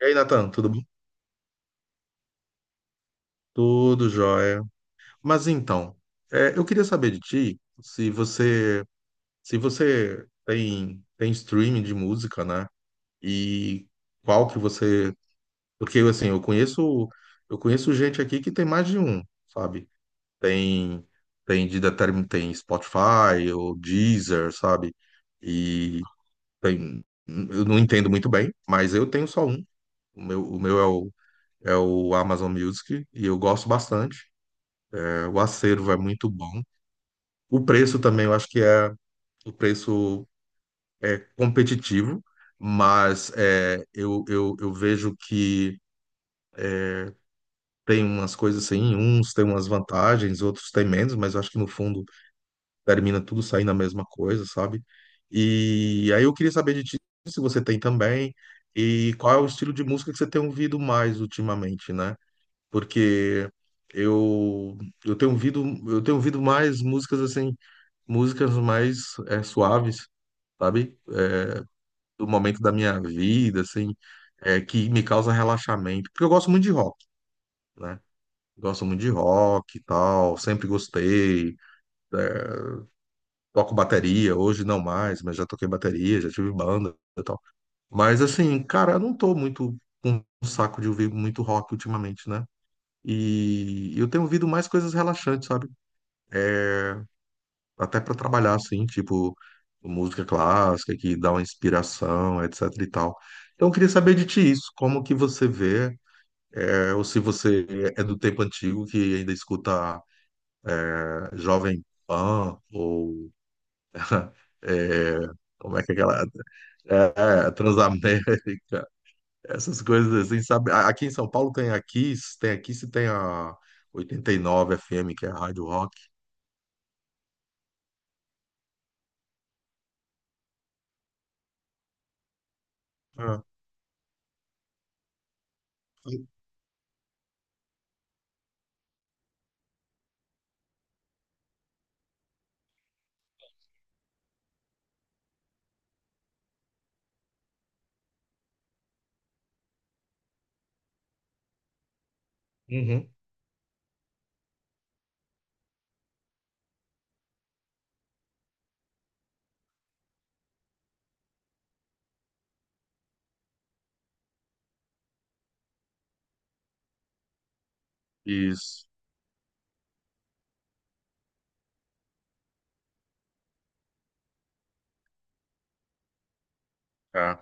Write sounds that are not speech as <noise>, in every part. E aí, Natan, tudo bom? Tudo jóia. Mas então, eu queria saber de ti se você se você tem streaming de música, né? E qual que você, porque assim, eu conheço gente aqui que tem mais de um, sabe? Tem tem Spotify ou Deezer, sabe? E tem eu não entendo muito bem, mas eu tenho só um. O meu é o Amazon Music e eu gosto bastante. É, o acervo é muito bom. O preço também, eu acho que o preço é competitivo, mas eu vejo que tem umas coisas assim, uns têm umas vantagens, outros têm menos, mas eu acho que no fundo termina tudo saindo a mesma coisa, sabe? E aí eu queria saber de ti se você tem também e qual é o estilo de música que você tem ouvido mais ultimamente, né? Porque eu, eu tenho ouvido mais músicas assim músicas mais, suaves, sabe? É, do momento da minha vida, assim, que me causa relaxamento. Porque eu gosto muito de rock, né? Gosto muito de rock e tal, sempre gostei. Toco bateria, hoje não mais, mas já toquei bateria, já tive banda e tal. Mas assim, cara, eu não tô muito com um saco de ouvir muito rock ultimamente, né? E eu tenho ouvido mais coisas relaxantes, sabe? Até para trabalhar assim, tipo música clássica que dá uma inspiração, etc e tal. Então eu queria saber de ti isso, como que você vê, ou se você é do tempo antigo que ainda escuta Jovem Pan ou <laughs> é, como é que é aquela Transamérica, <laughs> essas coisas assim, sabe? Aqui em São Paulo tem a Kiss e tem a 89 FM, que é a Rádio Rock. Ah, uhum. Isso. É.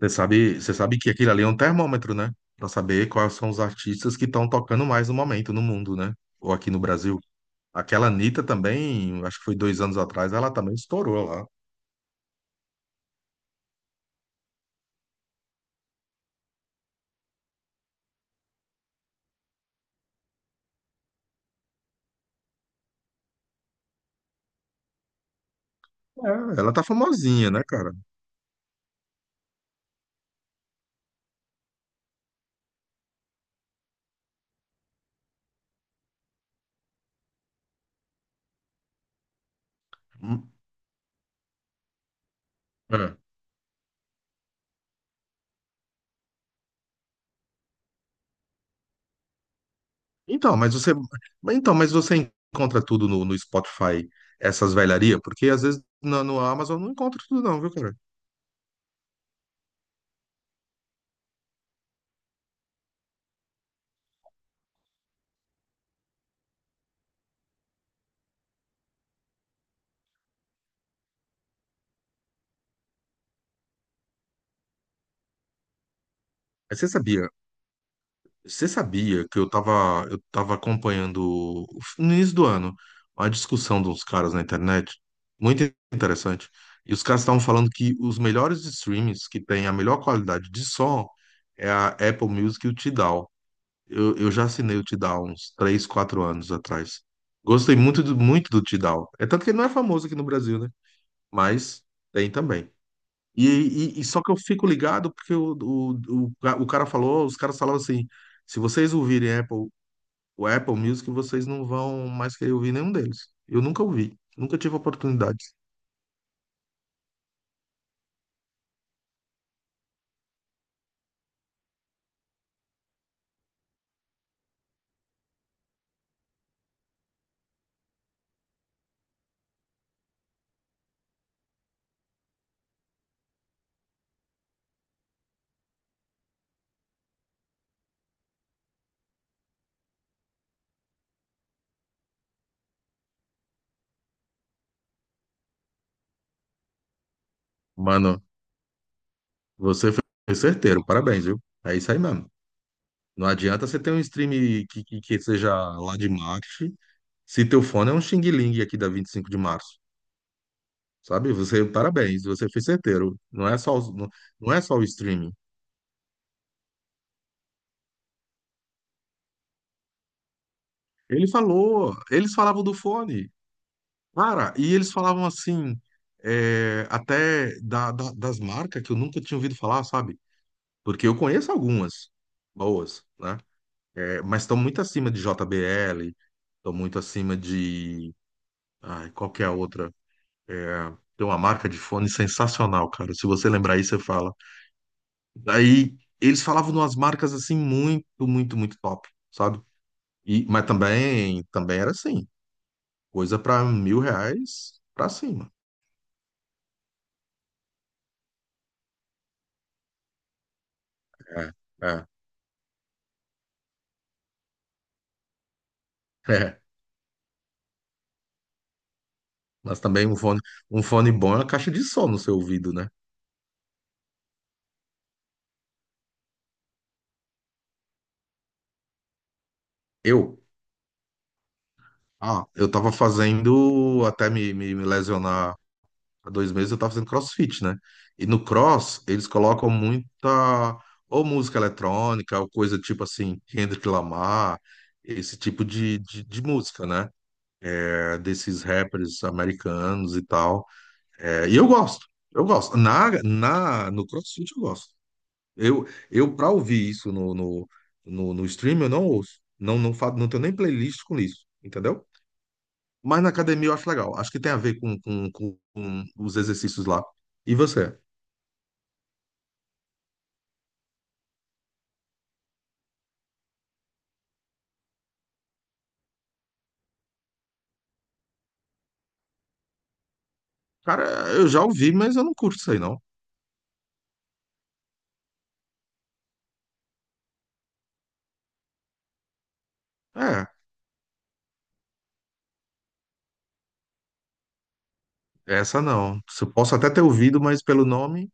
Você sabe que aquilo ali é um termômetro, né? Para saber quais são os artistas que estão tocando mais no momento no mundo, né? Ou aqui no Brasil. Aquela Anitta também, acho que foi 2 anos atrás, ela também estourou lá. É, ela tá famosinha, né, cara? Hum, é. Então, mas você, então, mas você encontra tudo no Spotify, essas velharias? Porque às vezes no Amazon não encontra tudo não, viu, cara? Mas você sabia? Você sabia que eu tava acompanhando no início do ano uma discussão de uns caras na internet, muito interessante. E os caras estavam falando que os melhores streams que têm a melhor qualidade de som é a Apple Music e o Tidal. Eu já assinei o Tidal uns 3 4 anos atrás. Gostei muito do Tidal. É tanto que ele não é famoso aqui no Brasil, né? Mas tem também. E, e só que eu fico ligado porque o cara falou, os caras falavam assim, se vocês ouvirem Apple, o Apple Music, vocês não vão mais querer ouvir nenhum deles. Eu nunca ouvi, nunca tive oportunidade. Mano, você foi certeiro, parabéns, viu? É isso aí mesmo. Não adianta você ter um stream que seja lá de marketing, se teu fone é um Xing Ling aqui da 25 de Março, sabe? Você, parabéns, você foi certeiro. Não é só o streaming. Ele falou, eles falavam do fone. Cara, e eles falavam assim, até das marcas que eu nunca tinha ouvido falar, sabe? Porque eu conheço algumas boas, né? É, mas estão muito acima de JBL, estão muito acima de. Ai, qual que é a outra? É, tem uma marca de fone sensacional, cara. Se você lembrar aí, você fala. Daí eles falavam de umas marcas assim muito, muito, muito top, sabe? E, mas também, também era assim, coisa para 1.000 reais pra cima. É, é. <laughs> Mas também um fone bom é uma caixa de som no seu ouvido, né? Eu, eu tava fazendo, até me lesionar há 2 meses, eu tava fazendo CrossFit, né? E no Cross, eles colocam ou música eletrônica, ou coisa tipo assim, Kendrick Lamar, esse tipo de música, né? É, desses rappers americanos e tal. E eu gosto, eu gosto. No CrossFit eu gosto. Eu para ouvir isso no stream, eu não ouço. Não tenho nem playlist com isso, entendeu? Mas na academia eu acho legal. Acho que tem a ver com os exercícios lá. E você? Cara, eu já ouvi, mas eu não curto isso aí, não. É, essa não. Eu posso até ter ouvido, mas pelo nome,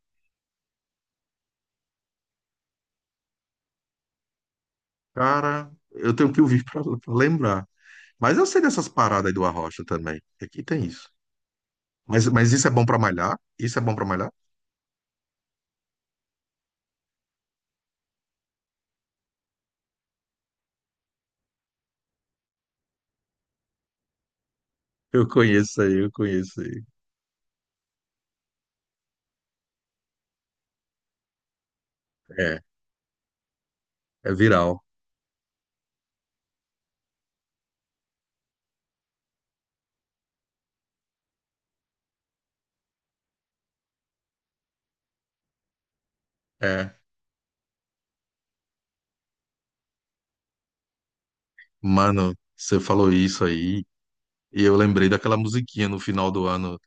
cara, eu tenho que ouvir <laughs> para lembrar. Mas eu sei dessas paradas aí do Arrocha também. Aqui tem isso. Mas isso é bom para malhar? Isso é bom para malhar? Eu conheço aí, eu conheço aí. É, é viral. Mano, você falou isso aí, e eu lembrei daquela musiquinha no final do ano,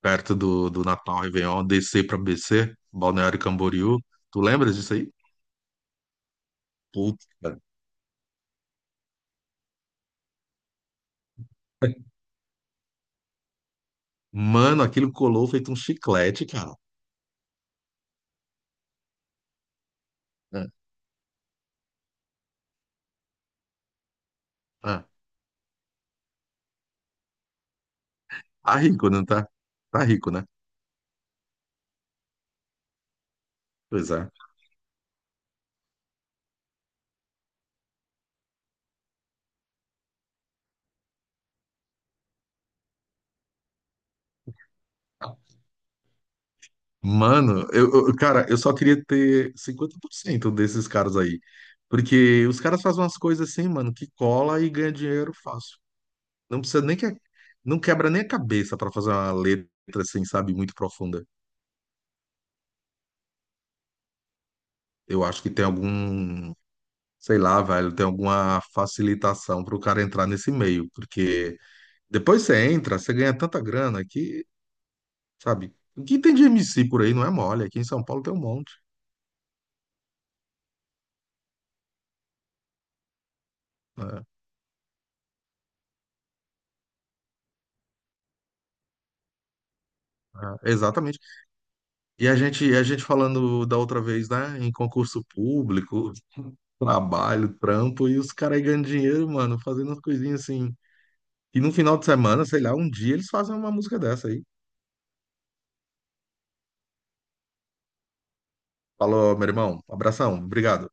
perto do Natal Réveillon, descer pra BC, Balneário Camboriú. Tu lembras disso aí? Putz, cara. Mano, aquilo colou feito um chiclete, cara. É. Ah, tá rico, não tá? Tá rico, né? Pois é. Mano, cara, eu só queria ter 50% desses caras aí. Porque os caras fazem umas coisas assim, mano, que cola e ganha dinheiro fácil. Não precisa nem que é, não quebra nem a cabeça pra fazer uma letra assim, sabe, muito profunda. Eu acho que tem algum, sei lá, velho, tem alguma facilitação pro cara entrar nesse meio, porque depois você entra, você ganha tanta grana que, sabe, o que tem de MC por aí não é mole, aqui em São Paulo tem um monte. Né? É, exatamente. A gente falando da outra vez, né? Em concurso público, trabalho, trampo, e os caras aí ganhando dinheiro, mano, fazendo umas coisinhas assim, e no final de semana, sei lá, um dia eles fazem uma música dessa aí. Falou, meu irmão. Abração. Obrigado.